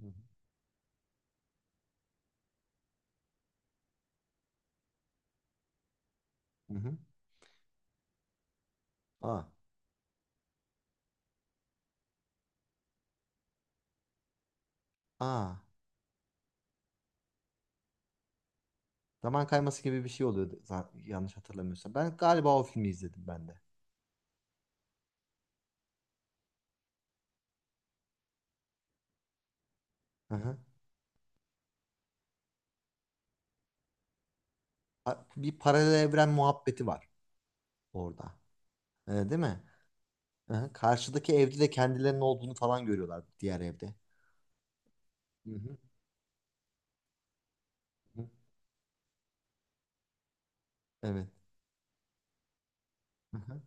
Hı hı. Hı hı. Aa, aa. Zaman kayması gibi bir şey oluyordu yanlış hatırlamıyorsam. Ben galiba o filmi izledim ben de. Hı hı. Bir paralel evren muhabbeti var orada. Değil mi? Hı hı. Karşıdaki evde de kendilerinin olduğunu falan görüyorlar diğer evde. Hı hı. Hı. Evet. Hı hı.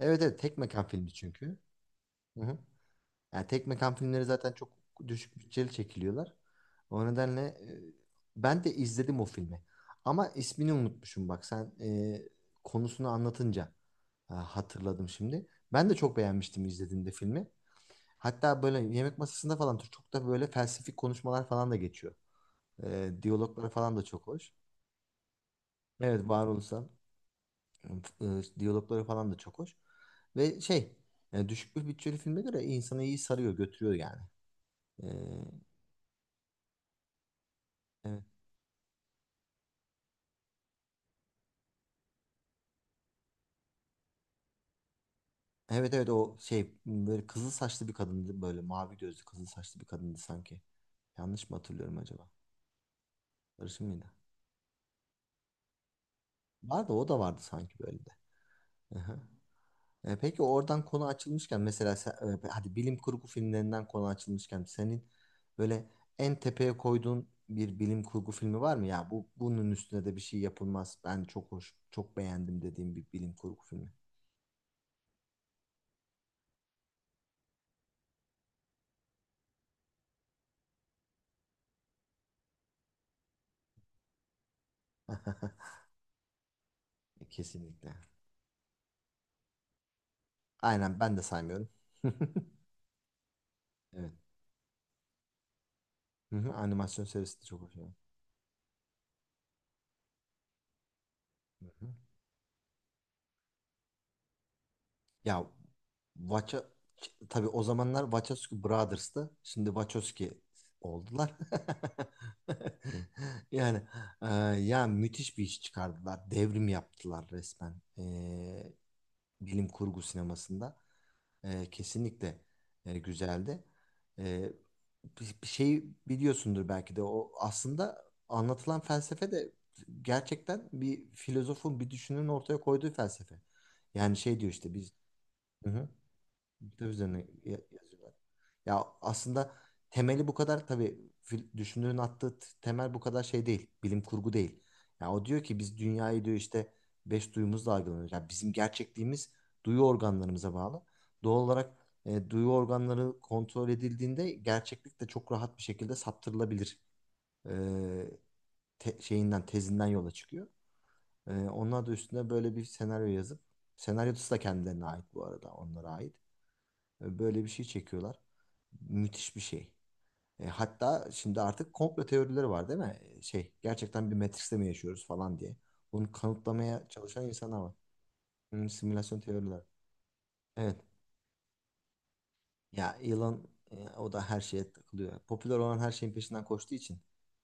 Evet evet tek mekan filmi çünkü. Hı hı. Yani tek mekan filmleri zaten çok düşük bütçeli çekiliyorlar. O nedenle ben de izledim o filmi. Ama ismini unutmuşum bak sen konusunu anlatınca hatırladım şimdi. Ben de çok beğenmiştim izlediğimde filmi. Hatta böyle yemek masasında falan çok da böyle felsefik konuşmalar falan da geçiyor. Diyalogları falan da çok hoş. Evet varoluşsal e, diyalogları falan da çok hoş. Ve şey düşük bir bütçeli filme göre insanı iyi sarıyor götürüyor yani. E, evet. Evet evet o şey böyle kızıl saçlı bir kadındı böyle mavi gözlü kızıl saçlı bir kadındı sanki. Yanlış mı hatırlıyorum acaba? Sarışın mıydı? Vardı o da vardı sanki böyle de. Aha. Peki oradan konu açılmışken mesela sen, hadi bilim kurgu filmlerinden konu açılmışken senin böyle en tepeye koyduğun bir bilim kurgu filmi var mı ya? Bu bunun üstüne de bir şey yapılmaz. Ben çok hoş, çok beğendim dediğim bir bilim kurgu filmi. Kesinlikle. Aynen ben de saymıyorum. Evet. Hı hı, animasyon serisi de çok hoşuma gitti. Hı hı. Ya Vacha tabii o zamanlar Wachowski Brothers'tı. Şimdi Wachowski oldular. Yani e, ya müthiş bir iş çıkardılar. Devrim yaptılar resmen. Bilim kurgu sinemasında. Kesinlikle güzeldi. E, bir şey biliyorsundur belki de o aslında anlatılan felsefe de gerçekten bir filozofun bir düşünürün ortaya koyduğu felsefe. Yani şey diyor işte biz. Hı hı. Kitap üzerine yazıyorlar. Ya aslında temeli bu kadar tabii düşünürün attığı temel bu kadar şey değil. Bilim kurgu değil. Ya o diyor ki biz dünyayı diyor işte beş duyumuzla algılıyoruz. Ya bizim gerçekliğimiz duyu organlarımıza bağlı. Doğal olarak duyu organları kontrol edildiğinde gerçeklik de çok rahat bir şekilde saptırılabilir e, şeyinden tezinden yola çıkıyor. Onlar da üstüne böyle bir senaryo yazıp senaryosu da kendilerine ait bu arada onlara ait. Böyle bir şey çekiyorlar. Müthiş bir şey. Hatta şimdi artık komplo teorileri var değil mi? Şey gerçekten bir Matrix'te mi yaşıyoruz falan diye. Bunu kanıtlamaya çalışan insanlar var. Hmm, simülasyon teorileri. Evet. Ya Elon o da her şeye takılıyor. Popüler olan her şeyin peşinden koştuğu için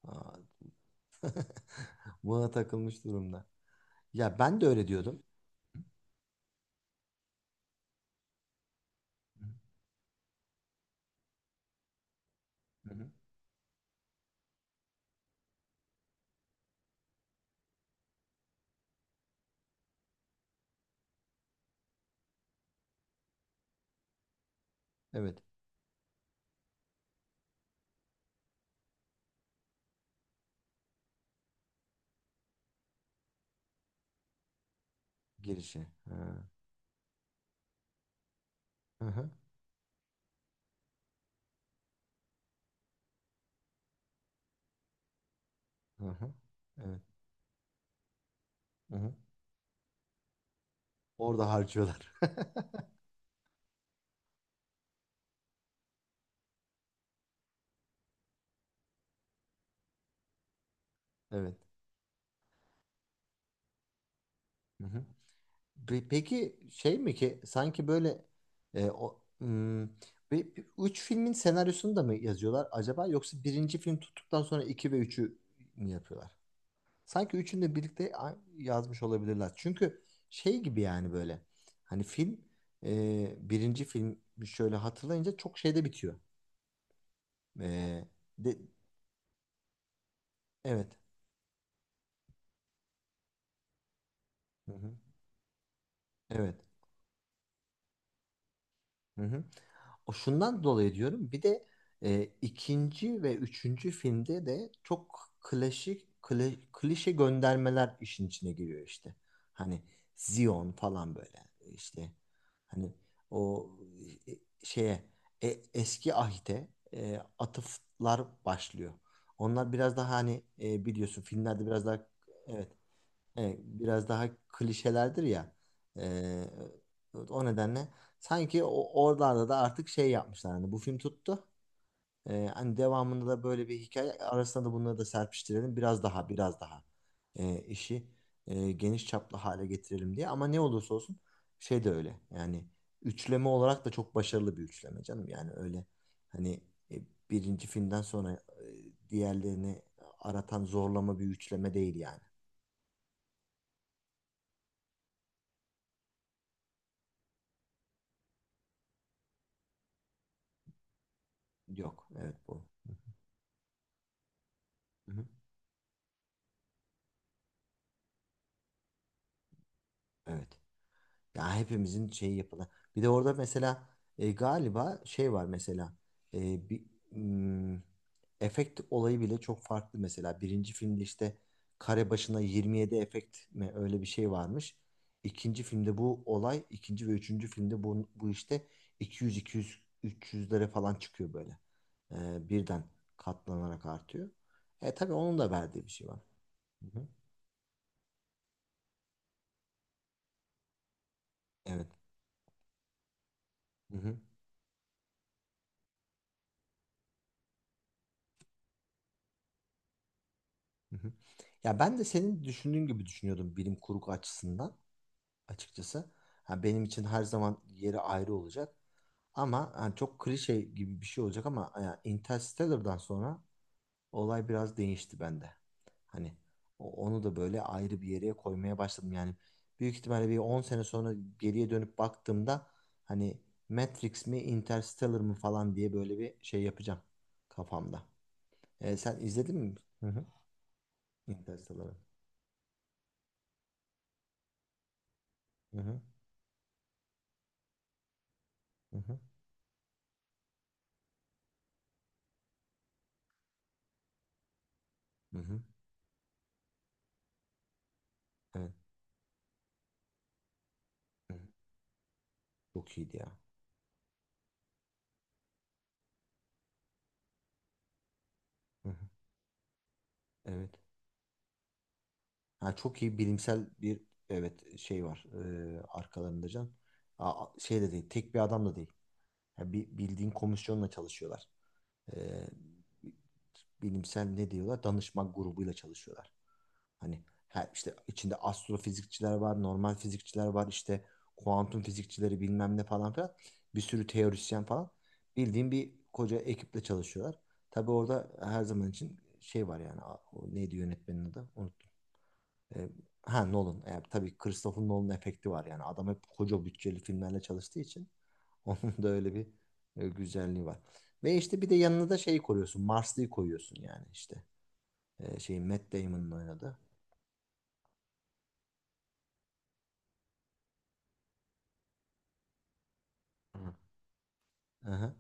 aa, buna takılmış durumda. Ya ben de öyle diyordum. Hı hı. Evet. Girişi. Ha. Hı hı. Hı hı. Evet. Hı hı. Orada harcıyorlar. Evet. Hı hı. Peki şey mi ki sanki böyle o, hmm, üç filmin senaryosunu da mı yazıyorlar acaba yoksa birinci film tuttuktan sonra iki ve üçü mü yapıyorlar? Sanki üçünü de birlikte yazmış olabilirler. Çünkü şey gibi yani böyle hani film birinci film şöyle hatırlayınca çok şeyde bitiyor. E, de, evet. Hı hı. Evet. Hı hı. O şundan dolayı diyorum. Bir de ikinci ve üçüncü filmde de çok klasik klişe göndermeler işin içine giriyor işte. Hani Zion falan böyle işte hani o şeye e, eski ahite atıflar başlıyor. Onlar biraz daha hani biliyorsun filmlerde biraz daha evet. Evet, biraz daha klişelerdir ya. Ee, o nedenle sanki o, oralarda da artık şey yapmışlar. Hani bu film tuttu. Hani devamında da böyle bir hikaye arasında da bunları da serpiştirelim. Biraz daha biraz daha işi geniş çaplı hale getirelim diye. Ama ne olursa olsun şey de öyle. Yani üçleme olarak da çok başarılı bir üçleme canım. Yani öyle hani e, birinci filmden sonra diğerlerini aratan zorlama bir üçleme değil yani. Yok. Evet bu. Hı hı. Evet. Ya hepimizin şeyi yapılan. Bir de orada mesela galiba şey var mesela bir mm, efekt olayı bile çok farklı mesela. Birinci filmde işte kare başına 27 efekt mi öyle bir şey varmış. İkinci filmde bu olay, ikinci ve üçüncü filmde bu işte 200 200 300'lere falan çıkıyor böyle. Birden katlanarak artıyor. E tabii onun da verdiği bir şey var. Hı hı. Evet. Hı hı. Hı hı. Ya ben de senin düşündüğün gibi düşünüyordum bilim kurgu açısından açıkçası. Ha benim için her zaman yeri ayrı olacak. Ama hani çok klişe gibi bir şey olacak ama yani Interstellar'dan sonra olay biraz değişti bende. Hani onu da böyle ayrı bir yere koymaya başladım. Yani büyük ihtimalle bir 10 sene sonra geriye dönüp baktığımda hani Matrix mi Interstellar mı falan diye böyle bir şey yapacağım kafamda. Sen izledin mi? Hı hı. Interstellar'ı. Hı hı. Hı hı. Hı hı. Evet. Hı hı. Çok iyiydi ya. Hı hı. Evet. Ha, çok iyi bilimsel bir evet şey var arkalarında can. Aa, şey de değil. Tek bir adam da değil. Ha, bir bildiğin komisyonla çalışıyorlar. e, bilimsel ne diyorlar? Danışma grubuyla çalışıyorlar. Hani her işte içinde astrofizikçiler var, normal fizikçiler var, işte kuantum fizikçileri bilmem ne falan filan. Bir sürü teorisyen falan. Bildiğim bir koca ekiple çalışıyorlar. Tabii orada her zaman için şey var yani o neydi yönetmenin adı? Unuttum. E, ha Nolan. Tabii Christopher Nolan efekti var yani. Adam hep koca bütçeli filmlerle çalıştığı için onun da öyle bir güzelliği var. Ve işte bir de yanına da şey koyuyorsun. Marsley'i koyuyorsun yani işte. Şey Matt Damon'ın oynadığı. Hı. Aha.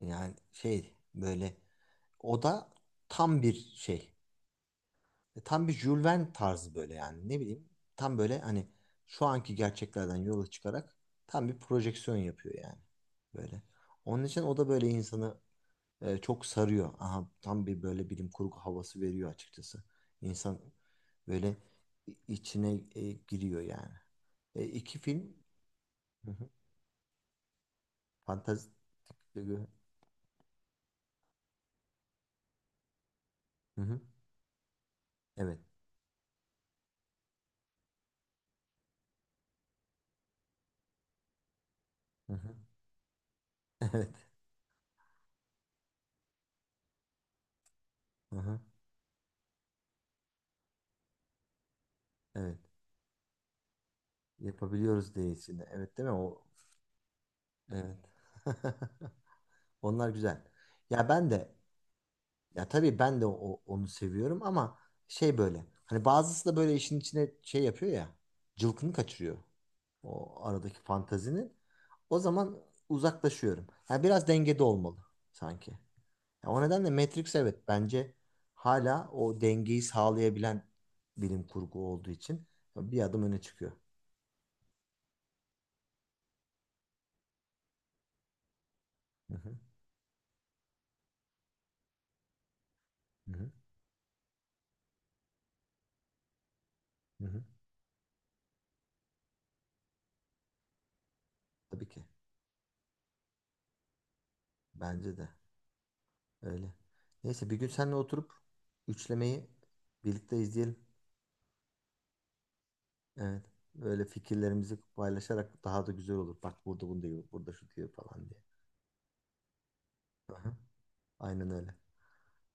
Yani şey böyle o da tam bir şey. Tam bir Jules Verne tarzı böyle yani ne bileyim. Tam böyle hani şu anki gerçeklerden yola çıkarak tam bir projeksiyon yapıyor yani. Böyle. Onun için o da böyle insanı çok sarıyor. Aha, tam bir böyle bilim kurgu havası veriyor açıkçası. İnsan böyle içine giriyor yani. İki film. Hı hı. Fantastik. e, Hı hı. Evet. Hı hı. Evet. Hı hı. Evet. Yapabiliyoruz diye içinde. Evet değil mi? O evet. Onlar güzel. Ya ben de ya tabii ben de o, onu seviyorum ama şey böyle. Hani bazısı da böyle işin içine şey yapıyor ya. Cılkını kaçırıyor. O aradaki fantazinin. O zaman uzaklaşıyorum. Yani biraz dengede olmalı sanki. Ya o nedenle Matrix evet bence hala o dengeyi sağlayabilen bilim kurgu olduğu için bir adım öne çıkıyor. Hı hı, hı hı, hı hı. Tabii ki. Bence de öyle. Neyse bir gün seninle oturup üçlemeyi birlikte izleyelim. Evet. Böyle fikirlerimizi paylaşarak daha da güzel olur. Bak burada bunu diyor, burada şu diyor falan diye. Aha, aynen öyle.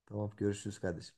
Tamam görüşürüz kardeşim.